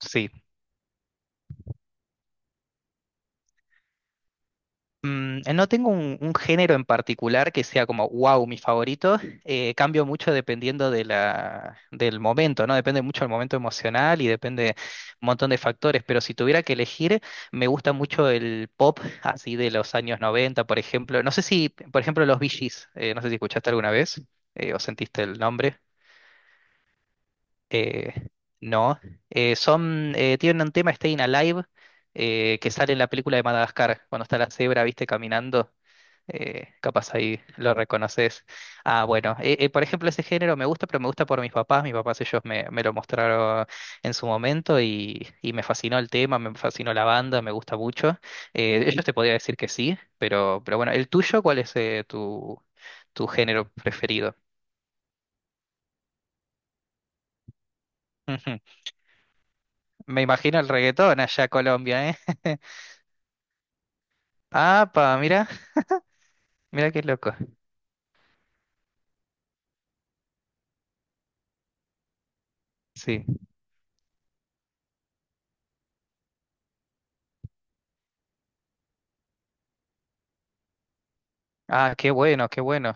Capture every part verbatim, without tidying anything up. Sí. Mm, eh, no tengo un, un género en particular que sea como, wow, mi favorito. Eh, cambio mucho dependiendo de la, del momento, ¿no? Depende mucho del momento emocional y depende un montón de factores. Pero si tuviera que elegir, me gusta mucho el pop, así de los años noventa, por ejemplo. No sé si, por ejemplo, los Bee Gees, eh, no sé si escuchaste alguna vez eh, o sentiste el nombre. Eh, no. Eh, son, eh, tienen un tema, Staying Alive, eh, que sale en la película de Madagascar, cuando está la cebra, viste, caminando. Eh, capaz ahí lo reconoces. Ah, bueno, eh, eh, por ejemplo, ese género me gusta, pero me gusta por mis papás. Mis papás ellos me, me lo mostraron en su momento y, y me fascinó el tema, me fascinó la banda, me gusta mucho. Eh, ellos te podría decir que sí, pero, pero bueno, ¿el tuyo cuál es eh, tu, tu género preferido? Ujú. Me imagino el reggaetón allá en Colombia, ¿eh? Pa, mira, mira qué loco. Sí. Ah, qué bueno, qué bueno.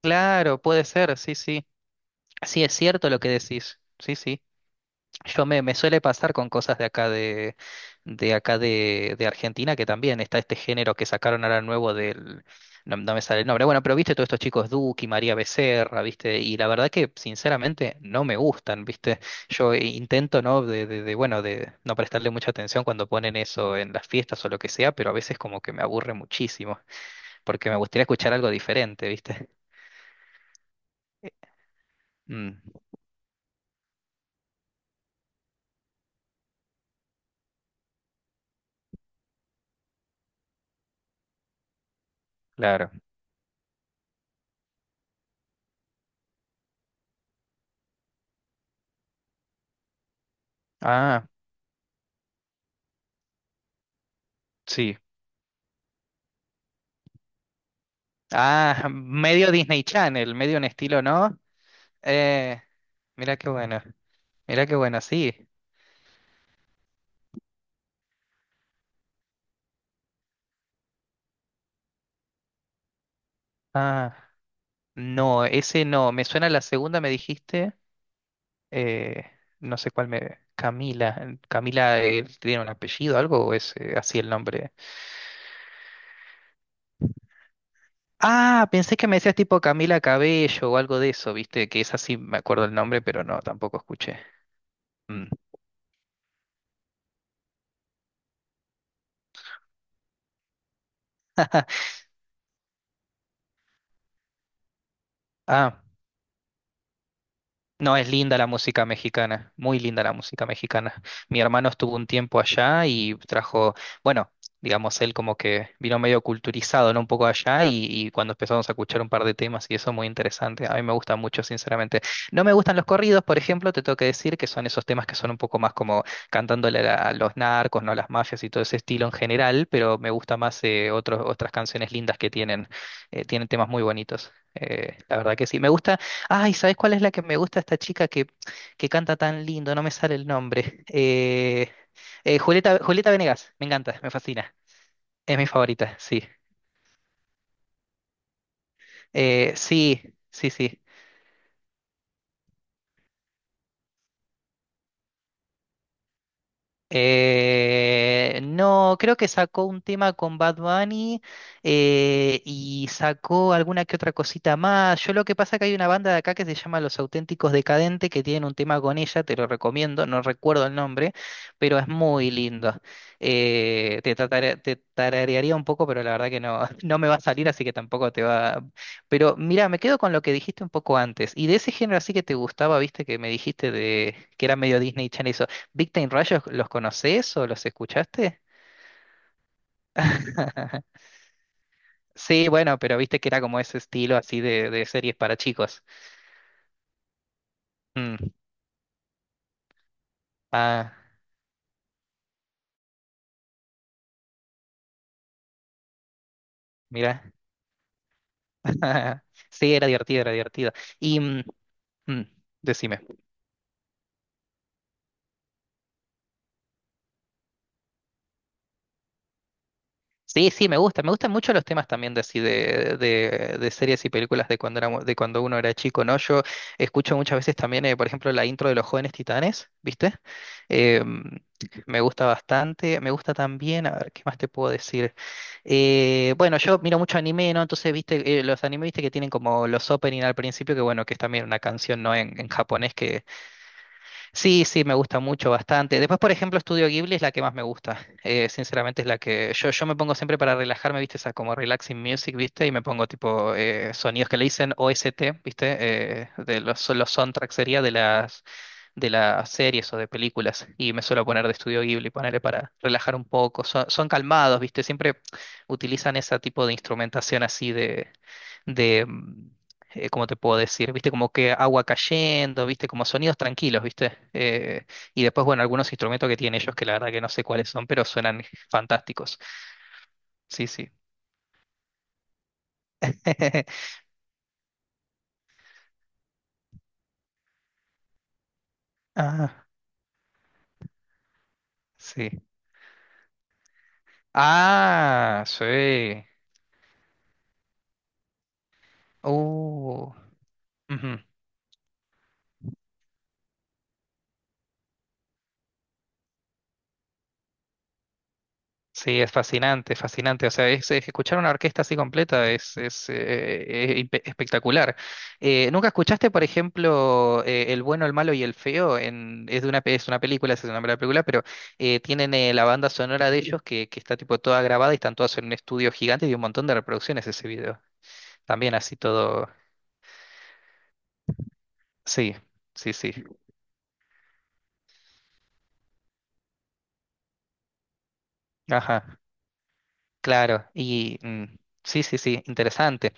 Claro, puede ser, sí, sí. Sí, es cierto lo que decís. Sí, sí. Yo me, me suele pasar con cosas de acá de, de acá de, de Argentina, que también está este género que sacaron ahora nuevo del, no, no me sale el nombre. Bueno, pero viste todos estos chicos Duki, María Becerra, viste, y la verdad que sinceramente no me gustan, viste. Yo intento, ¿no? De, de, de, bueno, de no prestarle mucha atención cuando ponen eso en las fiestas o lo que sea, pero a veces como que me aburre muchísimo, porque me gustaría escuchar algo diferente, viste. Mm, claro. Ah, sí. Ah, medio Disney Channel, medio un estilo, ¿no? Eh, Mira qué bueno, mira qué bueno, sí. Ah, no, ese no, me suena la segunda, me dijiste, eh, no sé cuál me... Camila, Camila eh, tiene un apellido, algo, o es eh, así el nombre. Ah, pensé que me decías tipo Camila Cabello o algo de eso, viste, que es así, me acuerdo el nombre, pero no, tampoco escuché. Mm. Ah. No, es linda la música mexicana, muy linda la música mexicana. Mi hermano estuvo un tiempo allá y trajo, bueno, digamos, él como que vino medio culturizado, ¿no? Un poco allá y, y cuando empezamos a escuchar un par de temas y eso muy interesante. A mí me gusta mucho, sinceramente. No me gustan los corridos, por ejemplo, te tengo que decir que son esos temas que son un poco más como cantándole a la- a los narcos, ¿no? A las mafias y todo ese estilo en general, pero me gusta más eh, otros, otras canciones lindas que tienen, eh, tienen temas muy bonitos. Eh, la verdad que sí. Me gusta. Ay, ¿sabes cuál es la que me gusta esta chica que, que canta tan lindo? No me sale el nombre. Eh, eh, Julieta, Julieta Venegas, me encanta, me fascina. Es mi favorita, sí. Eh, sí, sí, sí. Eh, no, creo que sacó un tema con Bad Bunny eh, y sacó alguna que otra cosita más. Yo lo que pasa que hay una banda de acá que se llama Los Auténticos Decadentes que tienen un tema con ella, te lo recomiendo, no recuerdo el nombre, pero es muy lindo. Eh, te tatare- te tararearía un poco, pero la verdad que no, no me va a salir, así que tampoco te va. Pero mira, me quedo con lo que dijiste un poco antes. Y de ese género así que te gustaba, viste, que me dijiste de que era medio Disney Channel. ¿Big Time Rush los los conoces o los escuchaste? Sí, bueno, pero viste que era como ese estilo así de, de series para chicos. Mm, Ah, mira. Sí, era divertido, era divertido. Y mm, mm, Decime. Sí, sí, me gusta. Me gustan mucho los temas también de así de, de, de series y películas de cuando era, de cuando uno era chico, ¿no? Yo escucho muchas veces también, eh, por ejemplo, la intro de Los Jóvenes Titanes, ¿viste? Eh, Me gusta bastante. Me gusta también, a ver, ¿qué más te puedo decir? Eh, bueno, yo miro mucho anime, ¿no? Entonces, ¿viste? Eh, los anime, ¿viste? Que tienen como los opening al principio, que bueno, que es también una canción, ¿no? En, en japonés. Sí, sí, me gusta mucho, bastante. Después, por ejemplo, Estudio Ghibli es la que más me gusta. Eh, sinceramente es la que yo, yo me pongo siempre para relajarme, ¿viste? Esa como relaxing music, ¿viste? Y me pongo tipo eh, sonidos que le dicen O S T, ¿viste? Eh, de los, los soundtracks sería de las, de las series o de películas. Y me suelo poner de Estudio Ghibli, ponerle para relajar un poco. Son, son calmados, ¿viste? Siempre utilizan ese tipo de instrumentación así de de, mm, eh, ¿cómo te puedo decir? ¿Viste? Como que agua cayendo, ¿viste? Como sonidos tranquilos, ¿viste? Eh, y después, bueno, algunos instrumentos que tienen ellos que la verdad que no sé cuáles son, pero suenan fantásticos. Sí, sí. Ah, sí. Ah, sí. Uh, Ujú. Sí, es fascinante, fascinante. O sea, es, es escuchar una orquesta así completa es, es, eh, eh, impe- espectacular. Eh, ¿nunca escuchaste, por ejemplo, eh, El bueno, el malo y el feo? En, es de una, pe- Es una película, ese es el nombre de la película, pero eh, tienen eh, la banda sonora de ellos que, que está tipo toda grabada y están todas en un estudio gigante y un montón de reproducciones ese video. También así todo. Sí, sí, sí. Ajá, claro. Y mm, sí, sí, sí, interesante.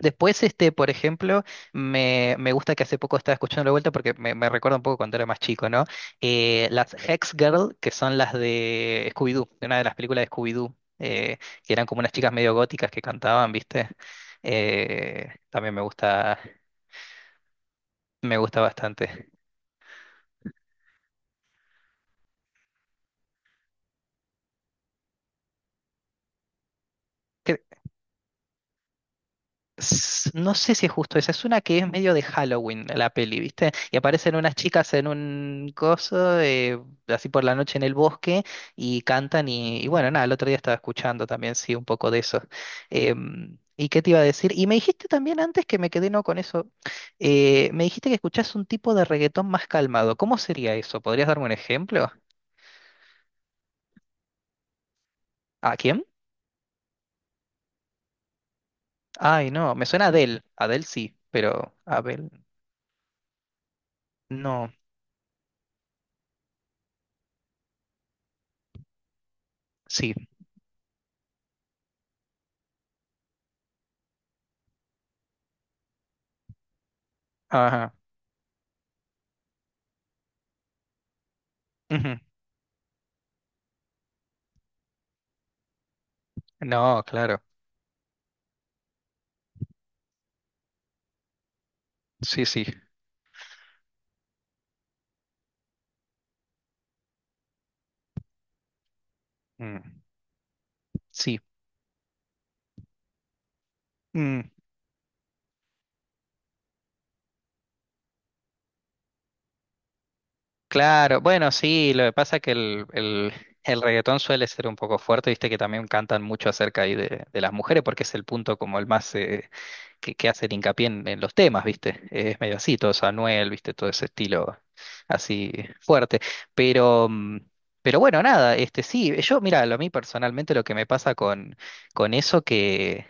Después, este, por ejemplo, me, me gusta que hace poco estaba escuchando la vuelta porque me, me recuerda un poco cuando era más chico, ¿no? Eh, las Hex Girl, que son las de Scooby-Doo, de una de las películas de Scooby-Doo, eh, que eran como unas chicas medio góticas que cantaban, ¿viste? Eh, también me gusta, me gusta bastante. s- No sé si es justo esa, es una que es medio de Halloween la peli, ¿viste? Y aparecen unas chicas en un coso, eh, así por la noche en el bosque, y cantan y, y bueno, nada, el otro día estaba escuchando también, sí, un poco de eso. Em, ¿y qué te iba a decir? Y me dijiste también antes que me quedé no con eso, eh, me dijiste que escuchás un tipo de reggaetón más calmado. ¿Cómo sería eso? ¿Podrías darme un ejemplo? ¿A quién? Ay, no, me suena a Adele, Adele sí, pero Abel no, sí. Ajá. Ujú. No, claro. Sí, sí. Mm, sí. Mm, claro. Bueno, sí, lo que pasa es que el, el, el reggaetón suele ser un poco fuerte, viste que también cantan mucho acerca ahí de, de las mujeres, porque es el punto como el más eh, que, que hace el hincapié en, en los temas, viste. Eh, es medio así, todo eso, Anuel, viste, todo ese estilo así fuerte. Pero, mm, pero bueno, nada, este sí, yo, mira, lo- a mí personalmente lo que me pasa con, con eso que.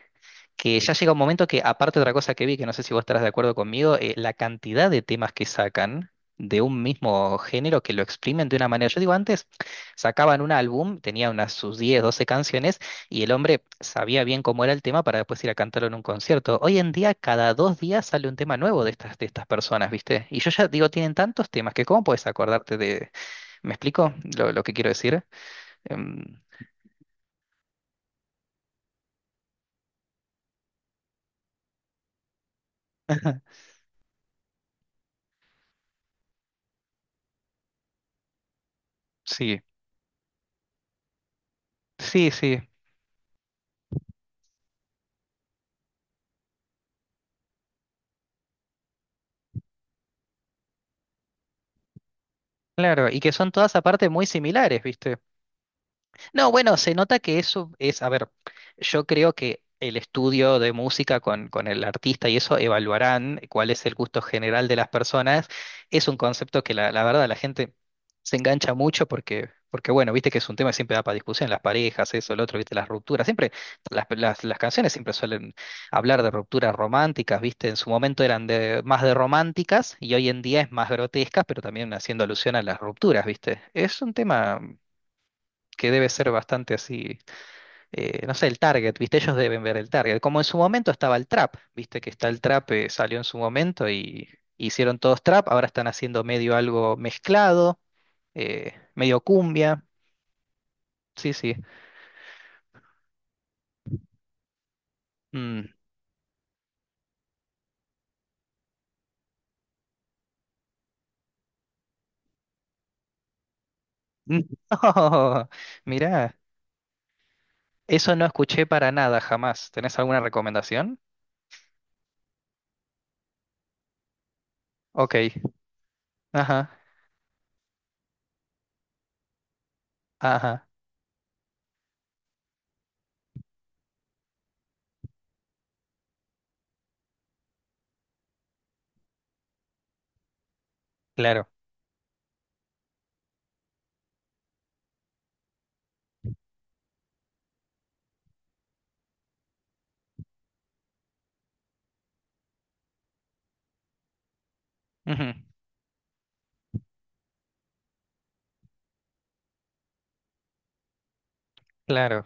Que ya llega un momento que, aparte de otra cosa que vi, que no sé si vos estarás de acuerdo conmigo, eh, la cantidad de temas que sacan de un mismo género que lo exprimen de una manera. Yo digo, antes sacaban un álbum, tenía unas sus diez doce canciones, y el hombre sabía bien cómo era el tema para después ir a cantarlo en un concierto. Hoy en día, cada dos días sale un tema nuevo de estas, de estas personas, ¿viste? Y yo ya digo, tienen tantos temas que cómo puedes acordarte de... ¿Me explico lo, lo que quiero decir? Em, sí, sí, sí. Claro, y que son todas aparte muy similares, ¿viste? No, bueno, se nota que eso es, a ver, yo creo que el estudio de música con, con el artista y eso evaluarán cuál es el gusto general de las personas. Es un concepto que la, la verdad la gente se engancha mucho porque, porque, bueno, viste que es un tema que siempre da para discusión, las parejas, eso, el otro, viste, las rupturas. Siempre las, las, las canciones siempre suelen hablar de rupturas románticas, viste, en su momento eran de, más de románticas y hoy en día es más grotescas, pero también haciendo alusión a las rupturas, viste. Es un tema que debe ser bastante así, eh, no sé, el target, ¿viste? Ellos deben ver el target. Como en su momento estaba el trap, ¿viste? Que está el trap, eh, salió en su momento y hicieron todos trap, ahora están haciendo medio algo mezclado, eh, medio cumbia, sí, sí. Mm. No, mirá, eso no escuché para nada jamás. ¿Tenés alguna recomendación? Ok, ajá, ajá, claro, ujú, claro.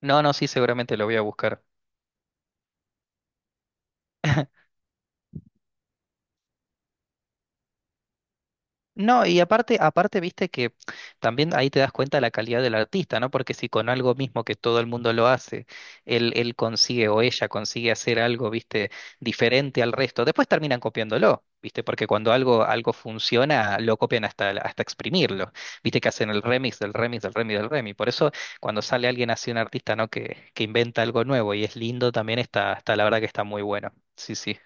No, no, sí, seguramente lo voy a buscar. No, y aparte, aparte, viste que también ahí te das cuenta de la calidad del artista, ¿no? Porque si con algo mismo que todo el mundo lo hace, él, él consigue o ella consigue hacer algo, viste, diferente al resto, después terminan copiándolo, viste, porque cuando algo, algo funciona, lo copian hasta, hasta exprimirlo, viste que hacen el remix del remix del remix del remix. Por eso, cuando sale alguien así, un artista, ¿no? Que, que inventa algo nuevo y es lindo, también está, está, la verdad que está muy bueno. Sí, sí.